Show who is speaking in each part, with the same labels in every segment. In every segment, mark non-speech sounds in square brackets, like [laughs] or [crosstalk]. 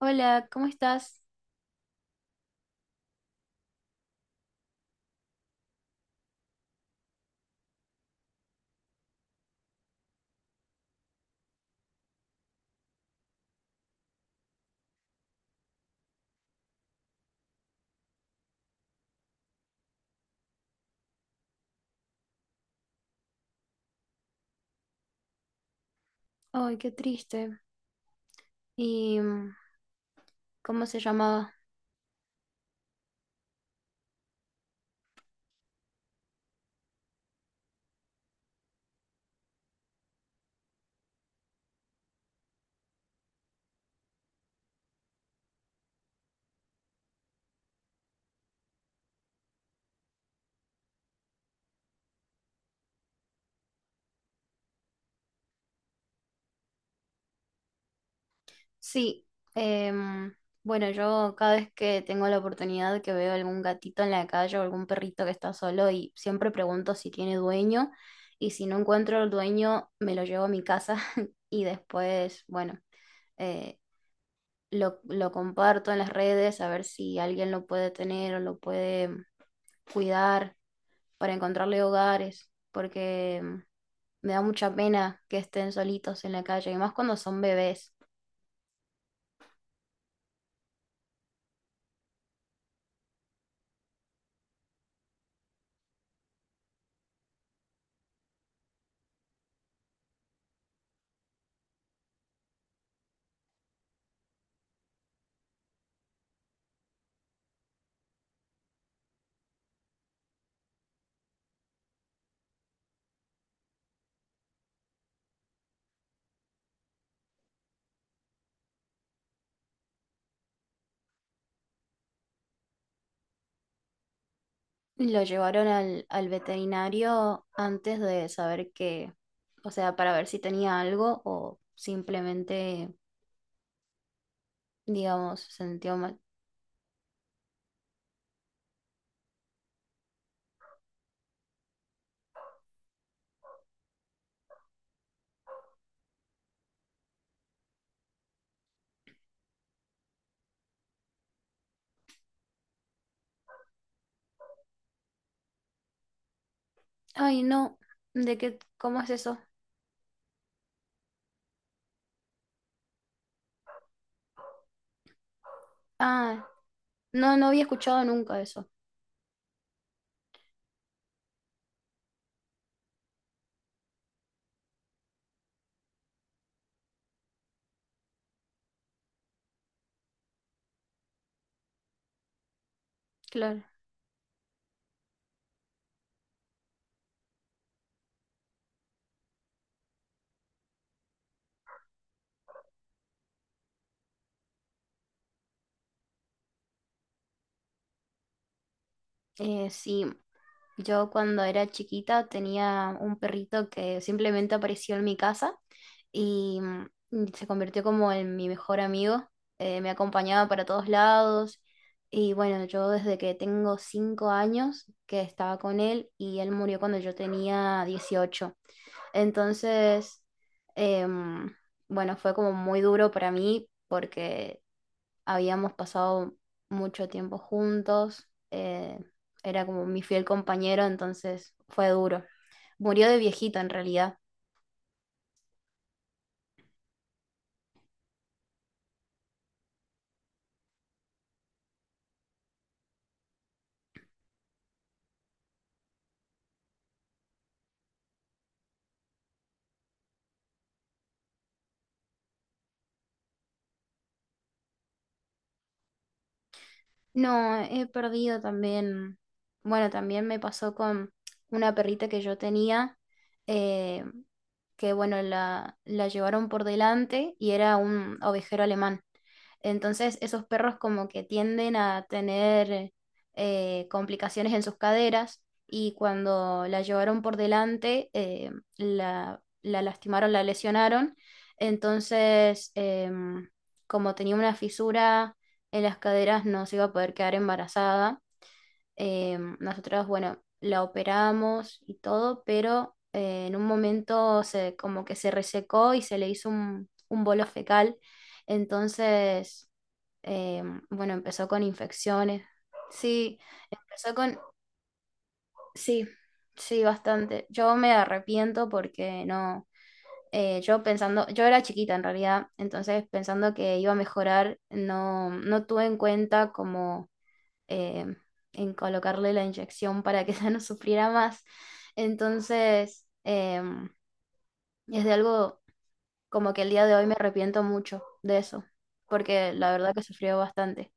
Speaker 1: Hola, ¿cómo estás? Ay, qué triste. ¿Y cómo se llamaba? Sí, em, bueno, yo cada vez que tengo la oportunidad que veo algún gatito en la calle o algún perrito que está solo y siempre pregunto si tiene dueño, y si no encuentro el dueño me lo llevo a mi casa [laughs] y después, bueno, eh, lo comparto en las redes a ver si alguien lo puede tener o lo puede cuidar. Para encontrarle hogares, porque me da mucha pena que estén solitos en la calle, y más cuando son bebés. Lo llevaron al veterinario antes de saber que, o sea, para ver si tenía algo o simplemente, digamos, se sintió mal. Ay, no, ¿de qué? ¿Cómo es eso? Ah, no, no había escuchado nunca eso. Claro. Sí, yo cuando era chiquita tenía un perrito que simplemente apareció en mi casa y, se convirtió como en mi mejor amigo. Me acompañaba para todos lados y bueno, yo desde que tengo 5 años que estaba con él, y él murió cuando yo tenía 18. Entonces, em, bueno, fue como muy duro para mí porque habíamos pasado mucho tiempo juntos, era como mi fiel compañero, entonces fue duro. Murió de viejito en realidad. No, he perdido también, bueno, también me pasó con una perrita que yo tenía, eh, que bueno, la llevaron por delante y era un ovejero alemán. Entonces, esos perros como que tienden a tener, complicaciones en sus caderas, y cuando la llevaron por delante, la lastimaron, la lesionaron. Entonces, como tenía una fisura en las caderas, no se iba a poder quedar embarazada. Em, nosotros, bueno, la operamos y todo, pero en un momento se, como que se resecó y se le hizo un bolo fecal. Entonces, eh, bueno, empezó con infecciones. Sí, empezó con... Sí, sí, bastante. Yo me arrepiento porque no... yo pensando, yo era chiquita en realidad, entonces pensando que iba a mejorar, no, no tuve en cuenta como, eh, en colocarle la inyección para que [laughs] ella no sufriera más. Entonces, es de algo como que el día de hoy me arrepiento mucho de eso, porque la verdad que sufrió bastante.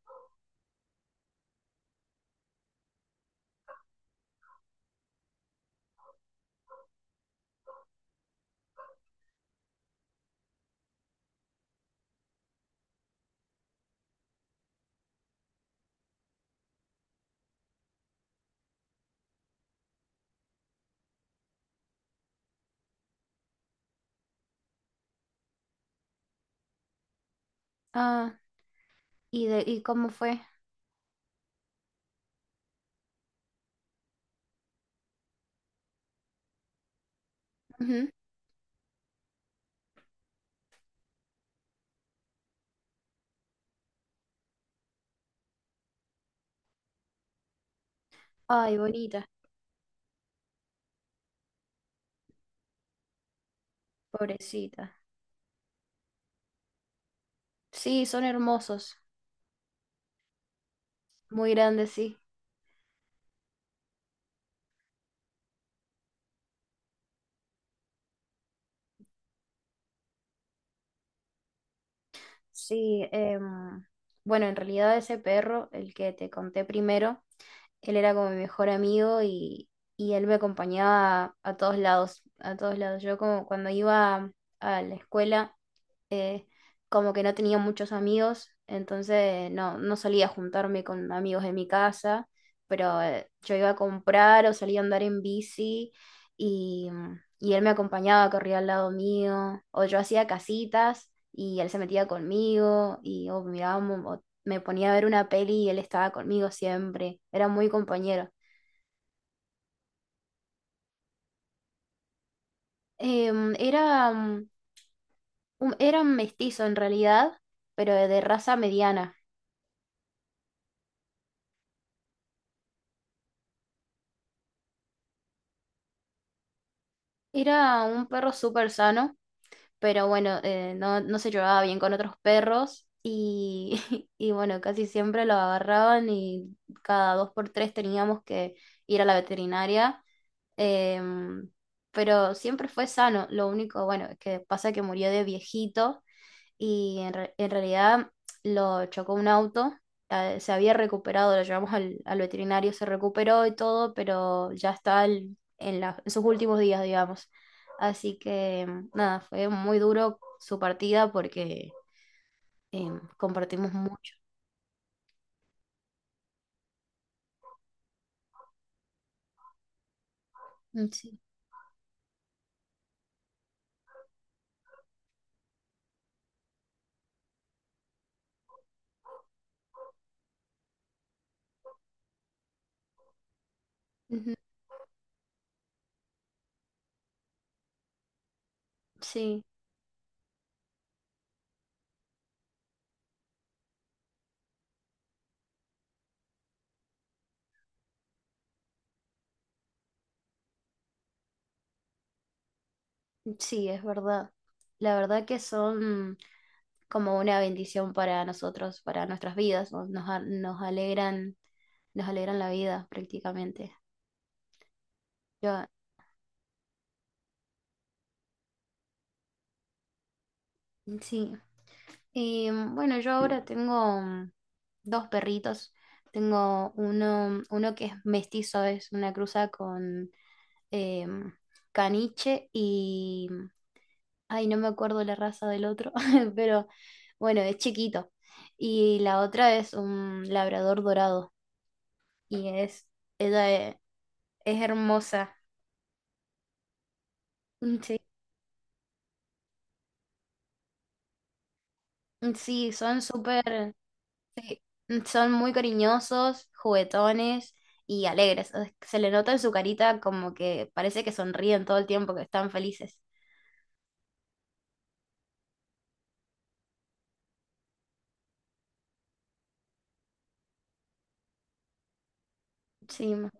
Speaker 1: Ah, ¿y de, y cómo fue? Ujú. Ay, bonita, pobrecita. Sí, son hermosos, muy grandes, sí. Sí, bueno, en realidad ese perro, el que te conté primero, él era como mi mejor amigo, y él me acompañaba a todos lados, a todos lados. Yo como cuando iba a la escuela, eh, como que no tenía muchos amigos, entonces no, no solía juntarme con amigos de mi casa, pero yo iba a comprar o salía a andar en bici, y, y él me acompañaba, corría al lado mío, o yo hacía casitas y él se metía conmigo y o mirábamos, o me ponía a ver una peli y él estaba conmigo siempre, era muy compañero. Era era un mestizo en realidad, pero de raza mediana. Era un perro súper sano, pero bueno, no, no se llevaba bien con otros perros, y, [laughs] y bueno, casi siempre lo agarraban y cada dos por tres teníamos que ir a la veterinaria, em, pero siempre fue sano, lo único, bueno, es que pasa que murió de viejito. Y en, en realidad lo chocó un auto, se había recuperado, lo llevamos al veterinario, se recuperó y todo, pero ya está en, en sus últimos días, digamos. Así que nada, fue muy duro su partida porque eh, compartimos mucho. Mm. Sí. Ujú. Sí, sí, es verdad. La verdad que son como una bendición para nosotros, para nuestras vidas, ¿no? Nos, nos alegran la vida prácticamente. Yo sí, eh, bueno, yo ahora tengo dos perritos. Tengo uno, uno que es mestizo, es una cruza con eh, mm, caniche y... mm, ay, no me acuerdo la raza del otro, [laughs] pero bueno, es chiquito. Y la otra es un labrador dorado y es, ella es hermosa. Sí, sí, son súper, sí, son muy cariñosos, juguetones y alegres. O sea, se le nota en su carita como que parece que sonríen todo el tiempo, que están felices. Sí,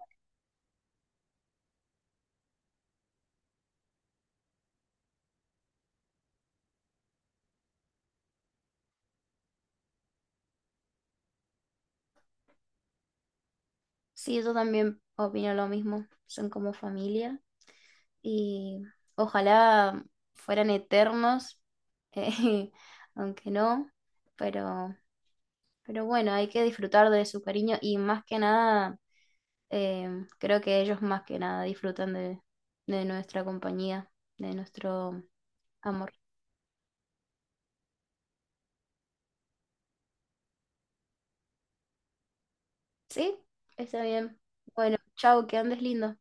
Speaker 1: sí, yo también opino lo mismo. Son como familia y ojalá fueran eternos, eh, [laughs] aunque no, pero, pero bueno, hay que disfrutar de su cariño y más que nada, eh, creo que ellos más que nada disfrutan de nuestra compañía, de nuestro amor. Sí, está bien. Bueno, chao, que andes lindo.